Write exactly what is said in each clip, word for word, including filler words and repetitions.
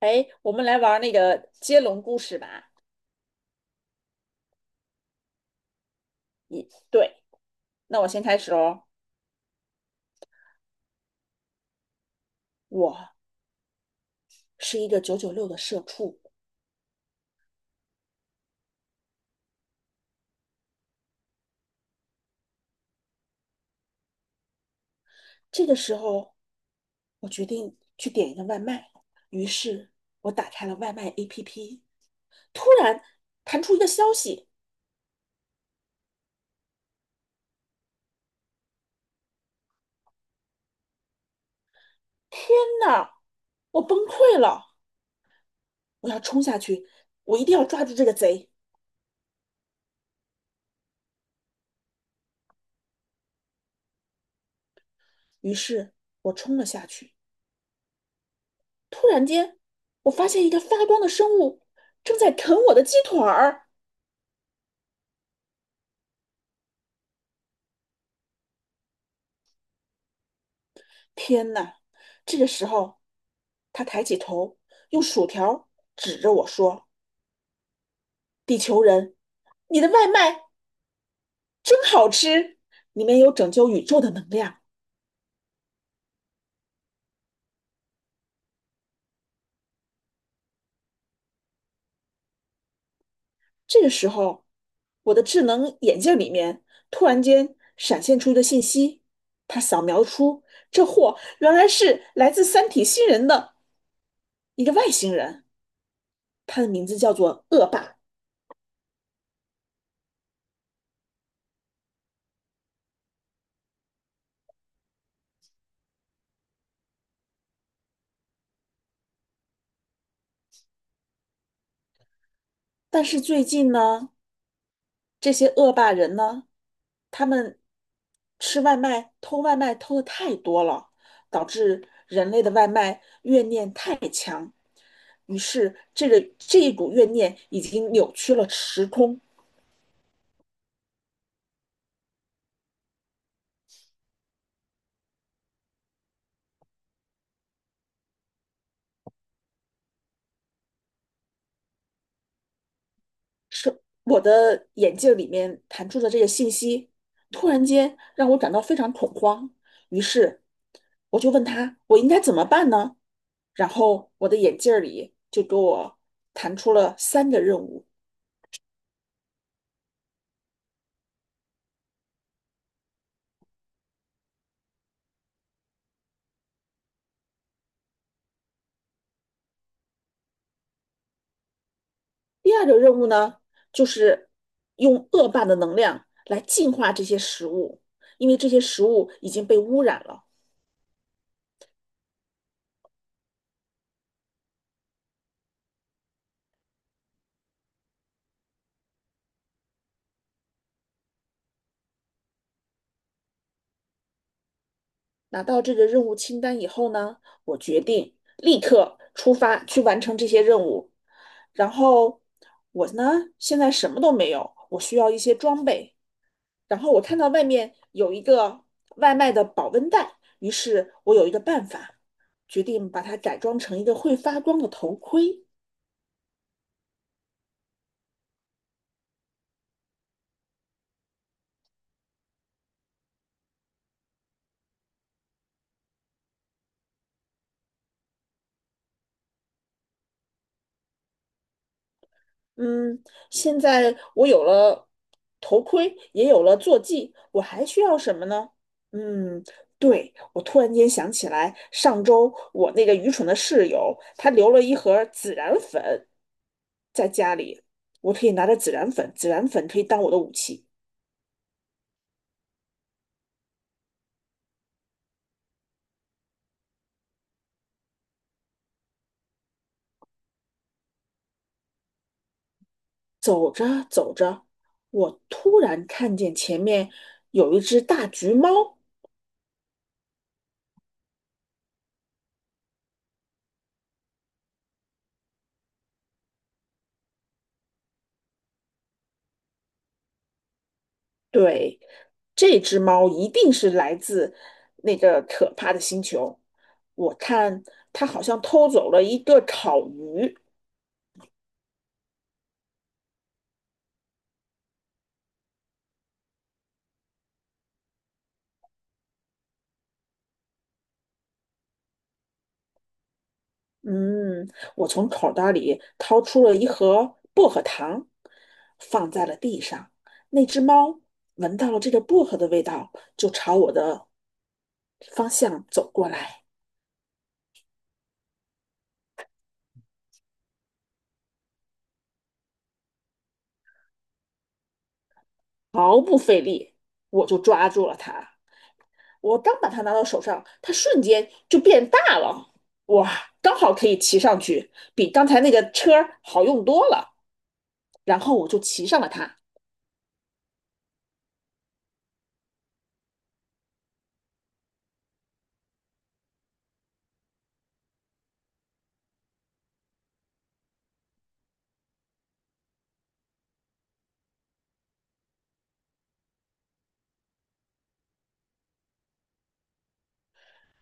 哎，我们来玩儿那个接龙故事吧。对，那我先开始哦。我是一个九九六的社畜，这个时候我决定去点一个外卖，于是我打开了外卖 A P P，突然弹出一个消息，天呐，我崩溃了！我要冲下去，我一定要抓住这个贼。于是我冲了下去，突然间我发现一个发光的生物正在啃我的鸡腿儿。天呐！这个时候，他抬起头，用薯条指着我说：“地球人，你的外卖真好吃，里面有拯救宇宙的能量。”这个时候，我的智能眼镜里面突然间闪现出一个信息，他扫描出这货原来是来自三体星人的一个外星人，他的名字叫做恶霸。但是最近呢，这些恶霸人呢，他们吃外卖、偷外卖偷的太多了，导致人类的外卖怨念太强，于是这个这一股怨念已经扭曲了时空，是我的眼镜里面弹出的这个信息，突然间让我感到非常恐慌，于是我就问他，我应该怎么办呢？然后我的眼镜里就给我弹出了三个任务。第二个任务呢，就是用恶霸的能量来净化这些食物，因为这些食物已经被污染了。拿到这个任务清单以后呢，我决定立刻出发去完成这些任务。然后我呢，现在什么都没有，我需要一些装备。然后我看到外面有一个外卖的保温袋，于是我有一个办法，决定把它改装成一个会发光的头盔。嗯，现在我有了头盔，也有了坐骑，我还需要什么呢？嗯，对，我突然间想起来，上周我那个愚蠢的室友，他留了一盒孜然粉在家里，我可以拿着孜然粉，孜然粉可以当我的武器。走着走着，我突然看见前面有一只大橘猫，对，这只猫一定是来自那个可怕的星球。我看它好像偷走了一个烤鱼。嗯，我从口袋里掏出了一盒薄荷糖，放在了地上。那只猫闻到了这个薄荷的味道，就朝我的方向走过来，毫不费力，我就抓住了它。我刚把它拿到手上，它瞬间就变大了，哇，刚好可以骑上去，比刚才那个车好用多了。然后我就骑上了它，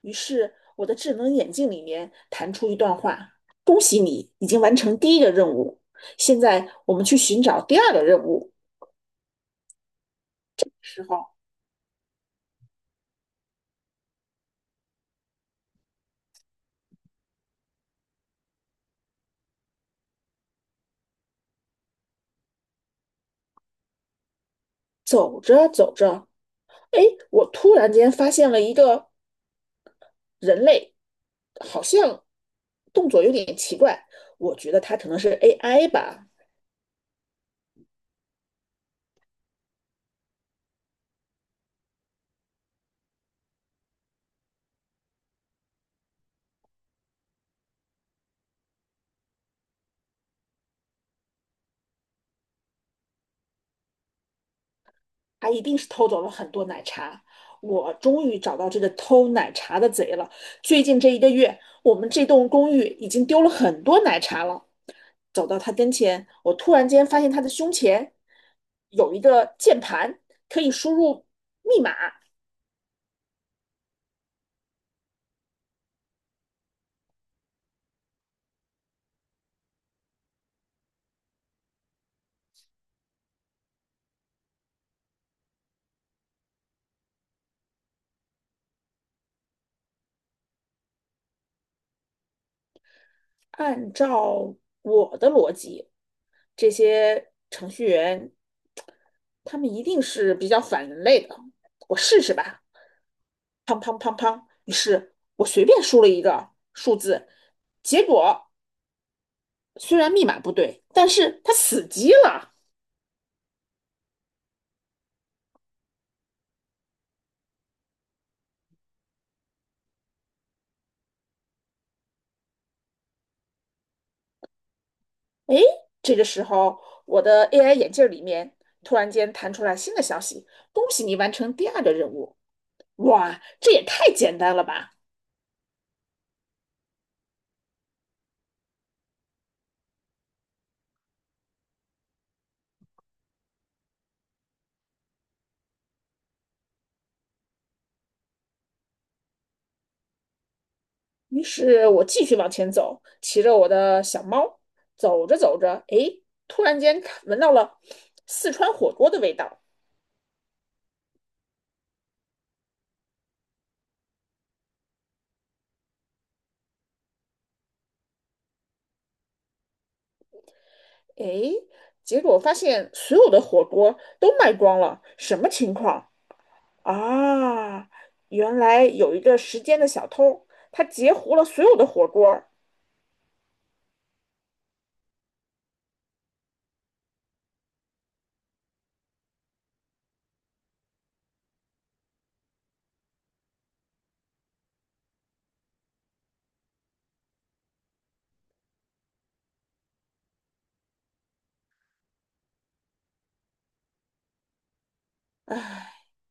于是我的智能眼镜里面弹出一段话：“恭喜你已经完成第一个任务，现在我们去寻找第二个任务。”时候走着走着，哎，我突然间发现了一个人类，好像动作有点奇怪，我觉得它可能是 A I 吧。他一定是偷走了很多奶茶。我终于找到这个偷奶茶的贼了。最近这一个月，我们这栋公寓已经丢了很多奶茶了。走到他跟前，我突然间发现他的胸前有一个键盘，可以输入密码。按照我的逻辑，这些程序员他们一定是比较反人类的。我试试吧。于是我随便输了一个数字，结果虽然密码不对，但是它死机了。哎，这个时候我的 A I 眼镜里面突然间弹出来新的消息：恭喜你完成第二个任务。哇，这也太简单了吧！于是我继续往前走，骑着我的小猫，走着走着，哎，突然间闻到了四川火锅的味道。哎，结果发现所有的火锅都卖光了，什么情况？啊，原来有一个时间的小偷，他截胡了所有的火锅儿。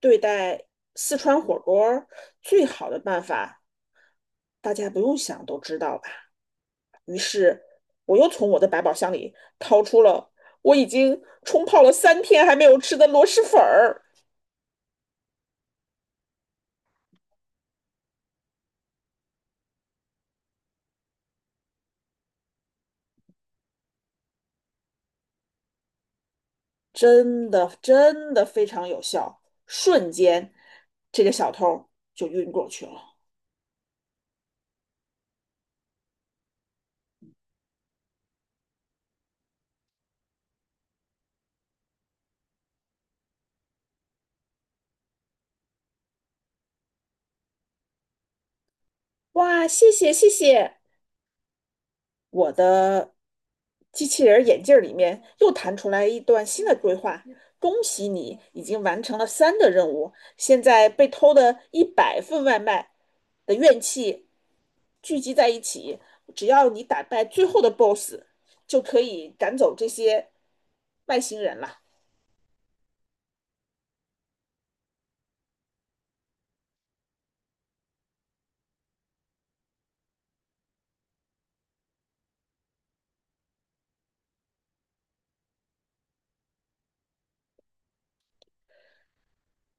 对待四川火锅儿最好的办法，大家不用想都知道吧？于是，我又从我的百宝箱里掏出了我已经冲泡了三天还没有吃的螺蛳粉儿，真的真的非常有效，瞬间这个小偷就晕过去了。哇，谢谢谢谢。我的机器人眼镜儿里面又弹出来一段新的对话：恭喜你已经完成了三的任务，现在被偷的一百份外卖的怨气聚集在一起，只要你打败最后的 BOSS，就可以赶走这些外星人了。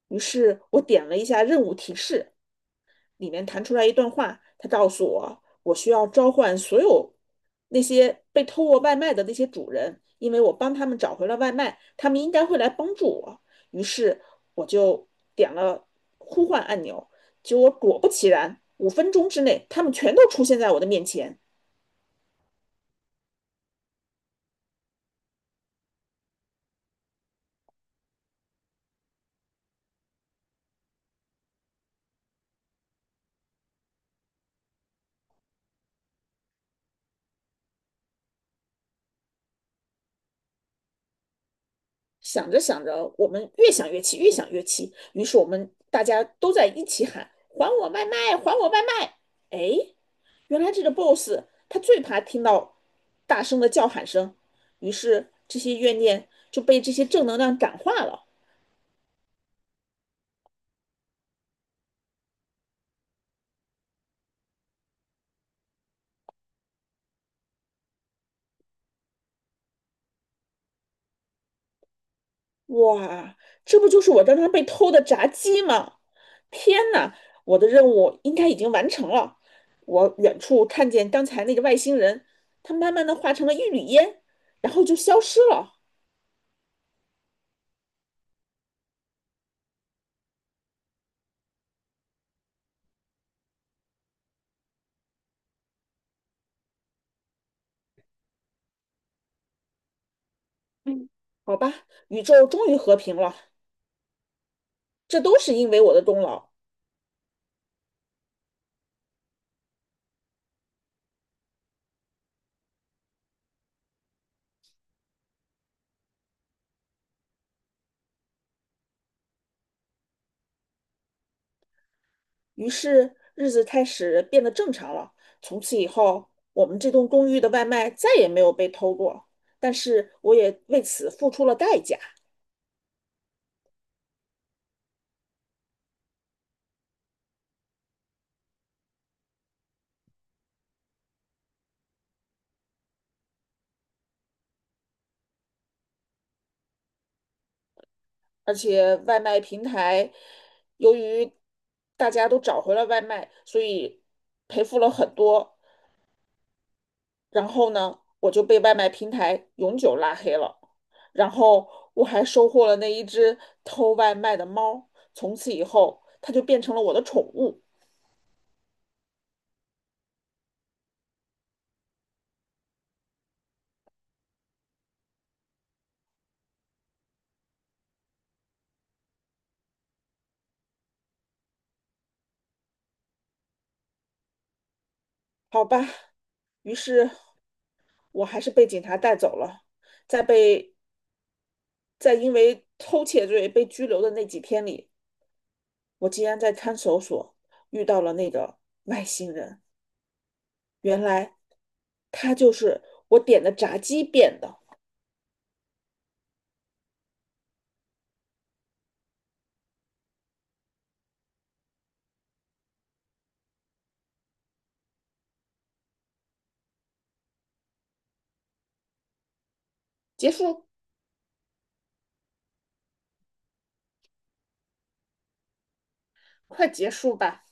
于是我点了一下任务提示，里面弹出来一段话，他告诉我，我需要召唤所有那些被偷过外卖的那些主人，因为我帮他们找回了外卖，他们应该会来帮助我。于是我就点了呼唤按钮，结果果不其然，五分钟之内，他们全都出现在我的面前。想着想着，我们越想越气，越想越气，于是我们大家都在一起喊：“还我外卖！还我外卖！”哎，原来这个 boss 他最怕听到大声的叫喊声，于是这些怨念就被这些正能量感化了。哇，这不就是我刚刚被偷的炸鸡吗？天哪，我的任务应该已经完成了。我远处看见刚才那个外星人，他慢慢的化成了一缕烟，然后就消失了。嗯，好吧，宇宙终于和平了，这都是因为我的功劳。于是日子开始变得正常了。从此以后，我们这栋公寓的外卖再也没有被偷过，但是我也为此付出了代价。而且外卖平台，由于大家都找回了外卖，所以赔付了很多。然后呢，我就被外卖平台永久拉黑了。然后我还收获了那一只偷外卖的猫，从此以后它就变成了我的宠物。好吧，于是我还是被警察带走了。在被在因为偷窃罪被拘留的那几天里，我竟然在看守所遇到了那个外星人。原来他就是我点的炸鸡变的。结束，快结束吧。